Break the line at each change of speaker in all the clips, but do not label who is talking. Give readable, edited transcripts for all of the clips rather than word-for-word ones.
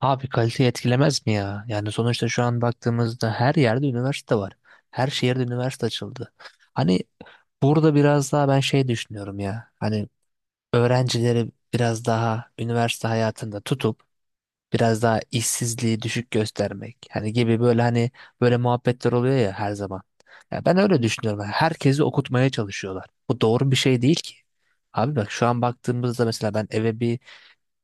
Abi kaliteyi etkilemez mi ya? Yani sonuçta şu an baktığımızda her yerde üniversite var. Her şehirde üniversite açıldı. Hani burada biraz daha ben şey düşünüyorum ya. Hani öğrencileri biraz daha üniversite hayatında tutup biraz daha işsizliği düşük göstermek. Hani gibi böyle hani böyle muhabbetler oluyor ya her zaman. Ya ben öyle düşünüyorum. Yani herkesi okutmaya çalışıyorlar. Bu doğru bir şey değil ki. Abi bak şu an baktığımızda mesela ben eve bir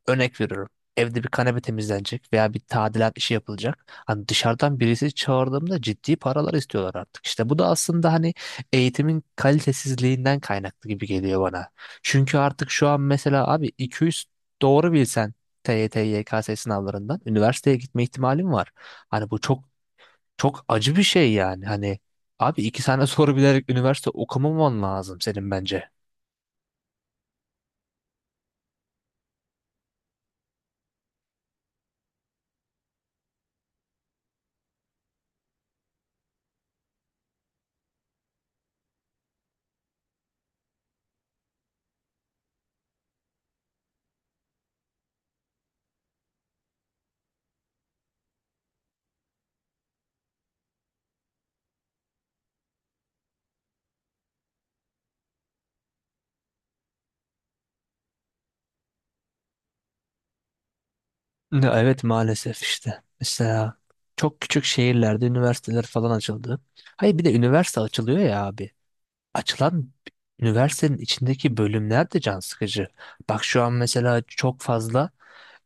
örnek veriyorum. Evde bir kanepe temizlenecek veya bir tadilat işi yapılacak. Hani dışarıdan birisi çağırdığımda ciddi paralar istiyorlar artık. İşte bu da aslında hani eğitimin kalitesizliğinden kaynaklı gibi geliyor bana. Çünkü artık şu an mesela abi 200 doğru bilsen TYT, YKS sınavlarından üniversiteye gitme ihtimalim var. Hani bu çok acı bir şey yani. Hani abi iki tane soru bilerek üniversite okumaman lazım senin bence. Ya, evet maalesef işte. Mesela çok küçük şehirlerde üniversiteler falan açıldı. Hayır bir de üniversite açılıyor ya abi. Açılan üniversitenin içindeki bölümler de can sıkıcı. Bak şu an mesela çok fazla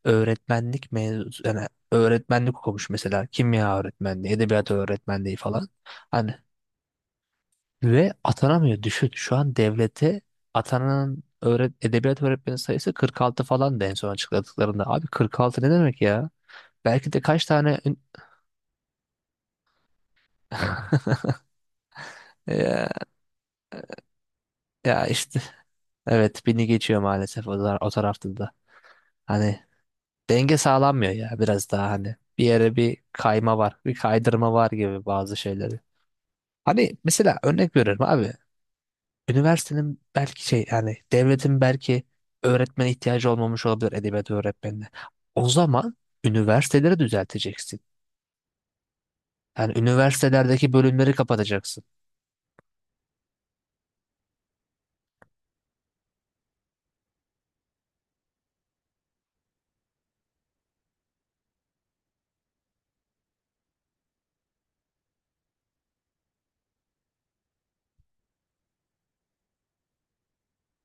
öğretmenlik mevzu yani öğretmenlik okumuş mesela kimya öğretmenliği, edebiyat öğretmenliği falan. Hani ve atanamıyor düşün. Şu an devlete atanan edebiyat öğretmeni sayısı 46 falan da en son açıkladıklarında. Abi 46 ne demek ya? Belki de kaç tane ya, ya işte evet beni geçiyor maalesef o, o tarafta da. Hani denge sağlanmıyor ya biraz daha hani bir yere bir kayma var, bir kaydırma var gibi bazı şeyleri. Hani mesela örnek veriyorum abi. Üniversitenin belki şey yani devletin belki öğretmene ihtiyacı olmamış olabilir edebiyat öğretmenine. O zaman üniversiteleri düzelteceksin. Yani üniversitelerdeki bölümleri kapatacaksın.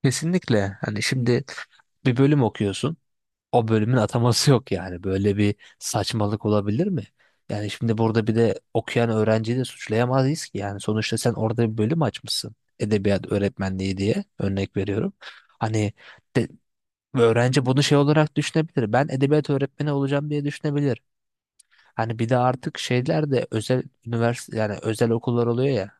Kesinlikle. Hani şimdi bir bölüm okuyorsun, o bölümün ataması yok yani. Böyle bir saçmalık olabilir mi? Yani şimdi burada bir de okuyan öğrenciyi de suçlayamayız ki. Yani sonuçta sen orada bir bölüm açmışsın. Edebiyat öğretmenliği diye örnek veriyorum. Hani de, öğrenci bunu şey olarak düşünebilir. Ben edebiyat öğretmeni olacağım diye düşünebilir. Hani bir de artık şeyler de özel üniversite yani özel okullar oluyor ya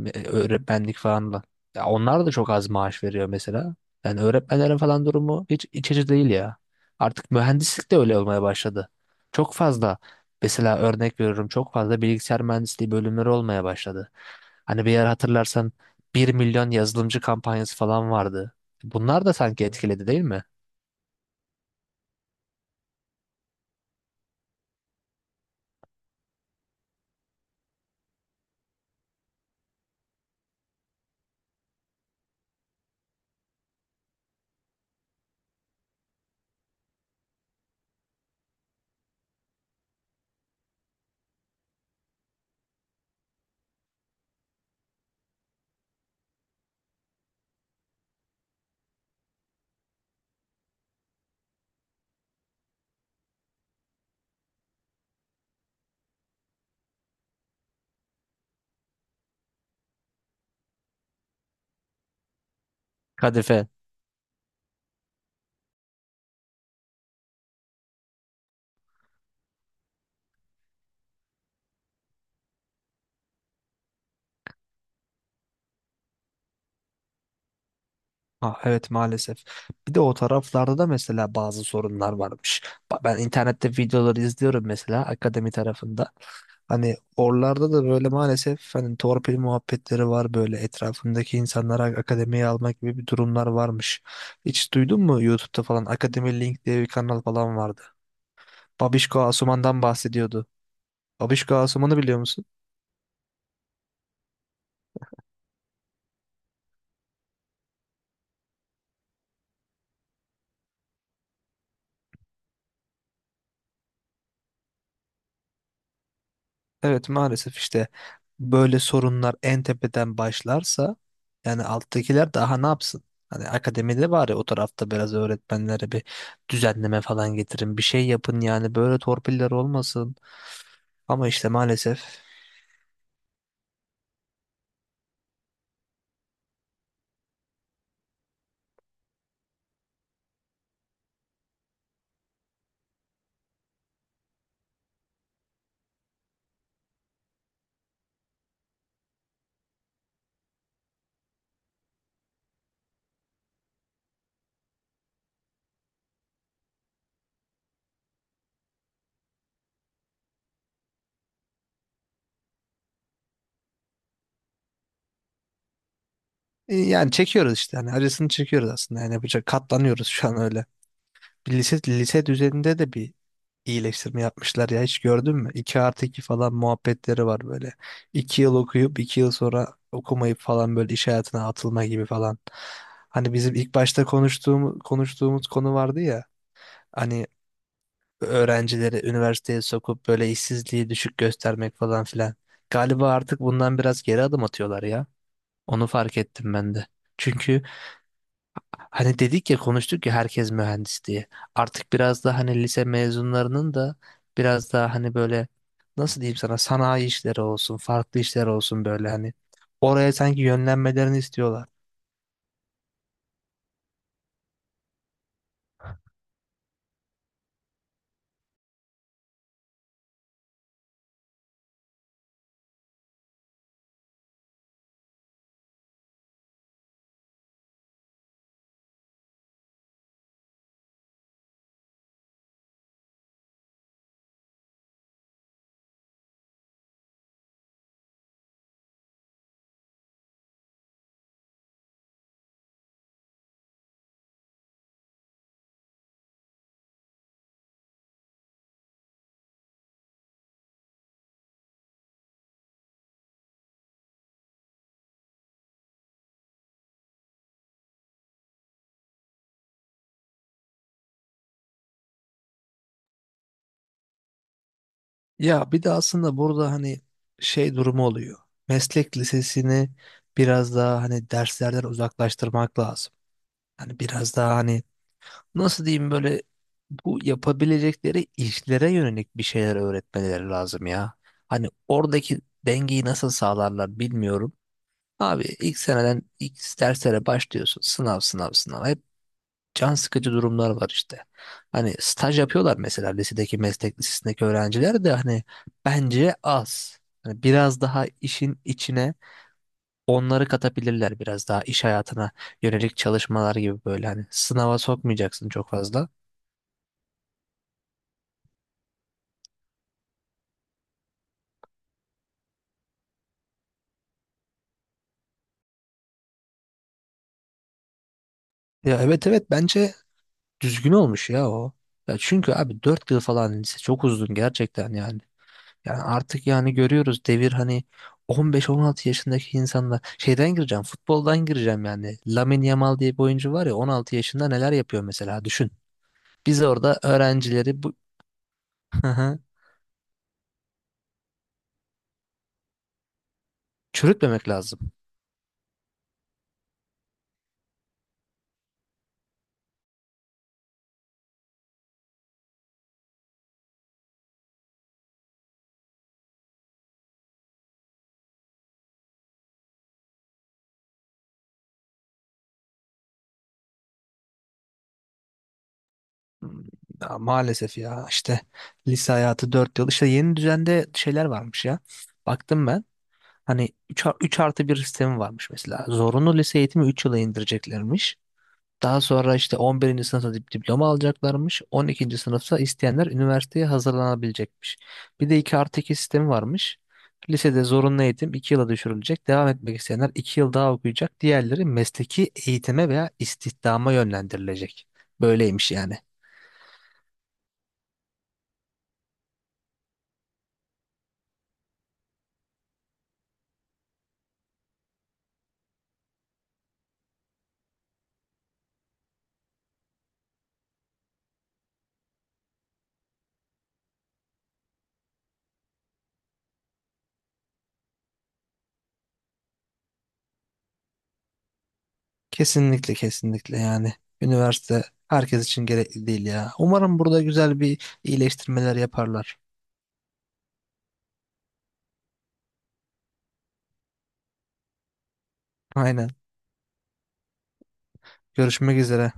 öğretmenlik falan da. Ya onlar da çok az maaş veriyor mesela. Yani öğretmenlerin falan durumu hiç iç açıcı değil ya. Artık mühendislik de öyle olmaya başladı. Çok fazla mesela örnek veriyorum çok fazla bilgisayar mühendisliği bölümleri olmaya başladı. Hani bir yer hatırlarsan 1.000.000 yazılımcı kampanyası falan vardı. Bunlar da sanki etkiledi değil mi? Kadife. Ha, evet maalesef. Bir de o taraflarda da mesela bazı sorunlar varmış. Ben internette videoları izliyorum mesela akademi tarafında. Hani oralarda da böyle maalesef hani torpil muhabbetleri var böyle etrafındaki insanlara akademiye almak gibi bir durumlar varmış. Hiç duydun mu YouTube'da falan Akademi Link diye bir kanal falan vardı. Babişko Asuman'dan bahsediyordu. Babişko Asuman'ı biliyor musun? Evet maalesef işte böyle sorunlar en tepeden başlarsa yani alttakiler daha ne yapsın? Hani akademide bari o tarafta biraz öğretmenlere bir düzenleme falan getirin. Bir şey yapın yani böyle torpiller olmasın. Ama işte maalesef yani çekiyoruz işte hani acısını çekiyoruz aslında yani yapacak katlanıyoruz şu an öyle. Bir lise düzeninde de bir iyileştirme yapmışlar ya hiç gördün mü? 2 artı 2 falan muhabbetleri var böyle. 2 yıl okuyup 2 yıl sonra okumayıp falan böyle iş hayatına atılma gibi falan. Hani bizim ilk başta konuştuğumuz konu vardı ya. Hani öğrencileri üniversiteye sokup böyle işsizliği düşük göstermek falan filan. Galiba artık bundan biraz geri adım atıyorlar ya. Onu fark ettim ben de. Çünkü hani dedik ya konuştuk ya herkes mühendis diye. Artık biraz daha hani lise mezunlarının da biraz daha hani böyle nasıl diyeyim sana sanayi işleri olsun, farklı işler olsun böyle hani oraya sanki yönlenmelerini istiyorlar. Ya bir de aslında burada hani şey durumu oluyor. Meslek lisesini biraz daha hani derslerden uzaklaştırmak lazım. Hani biraz daha hani nasıl diyeyim böyle bu yapabilecekleri işlere yönelik bir şeyler öğretmeleri lazım ya. Hani oradaki dengeyi nasıl sağlarlar bilmiyorum. Abi ilk seneden ilk derslere başlıyorsun. Sınav sınav sınav. Hep can sıkıcı durumlar var işte. Hani staj yapıyorlar mesela meslek lisesindeki öğrenciler de hani bence az. Hani biraz daha işin içine onları katabilirler biraz daha iş hayatına yönelik çalışmalar gibi böyle hani sınava sokmayacaksın çok fazla. Ya evet evet bence düzgün olmuş ya o. Ya çünkü abi 4 yıl falan lise çok uzun gerçekten yani. Yani artık görüyoruz devir hani 15-16 yaşındaki insanlar şeyden gireceğim futboldan gireceğim yani. Lamine Yamal diye bir oyuncu var ya 16 yaşında neler yapıyor mesela düşün. Biz orada öğrencileri bu, hı hı. Çürütmemek lazım. Hmm, ya maalesef ya işte lise hayatı 4 yıl. İşte yeni düzende şeyler varmış ya. Baktım ben. Hani 3 artı bir sistemi varmış mesela. Zorunlu lise eğitimi 3 yıla indireceklermiş. Daha sonra işte 11'inci sınıfta diploma alacaklarmış. 12'nci sınıfta isteyenler üniversiteye hazırlanabilecekmiş. Bir de 2 artı 2 sistemi varmış. Lisede zorunlu eğitim 2 yıla düşürülecek. Devam etmek isteyenler 2 yıl daha okuyacak. Diğerleri mesleki eğitime veya istihdama yönlendirilecek. Böyleymiş yani. Kesinlikle kesinlikle yani. Üniversite herkes için gerekli değil ya. Umarım burada güzel bir iyileştirmeler yaparlar. Aynen. Görüşmek üzere.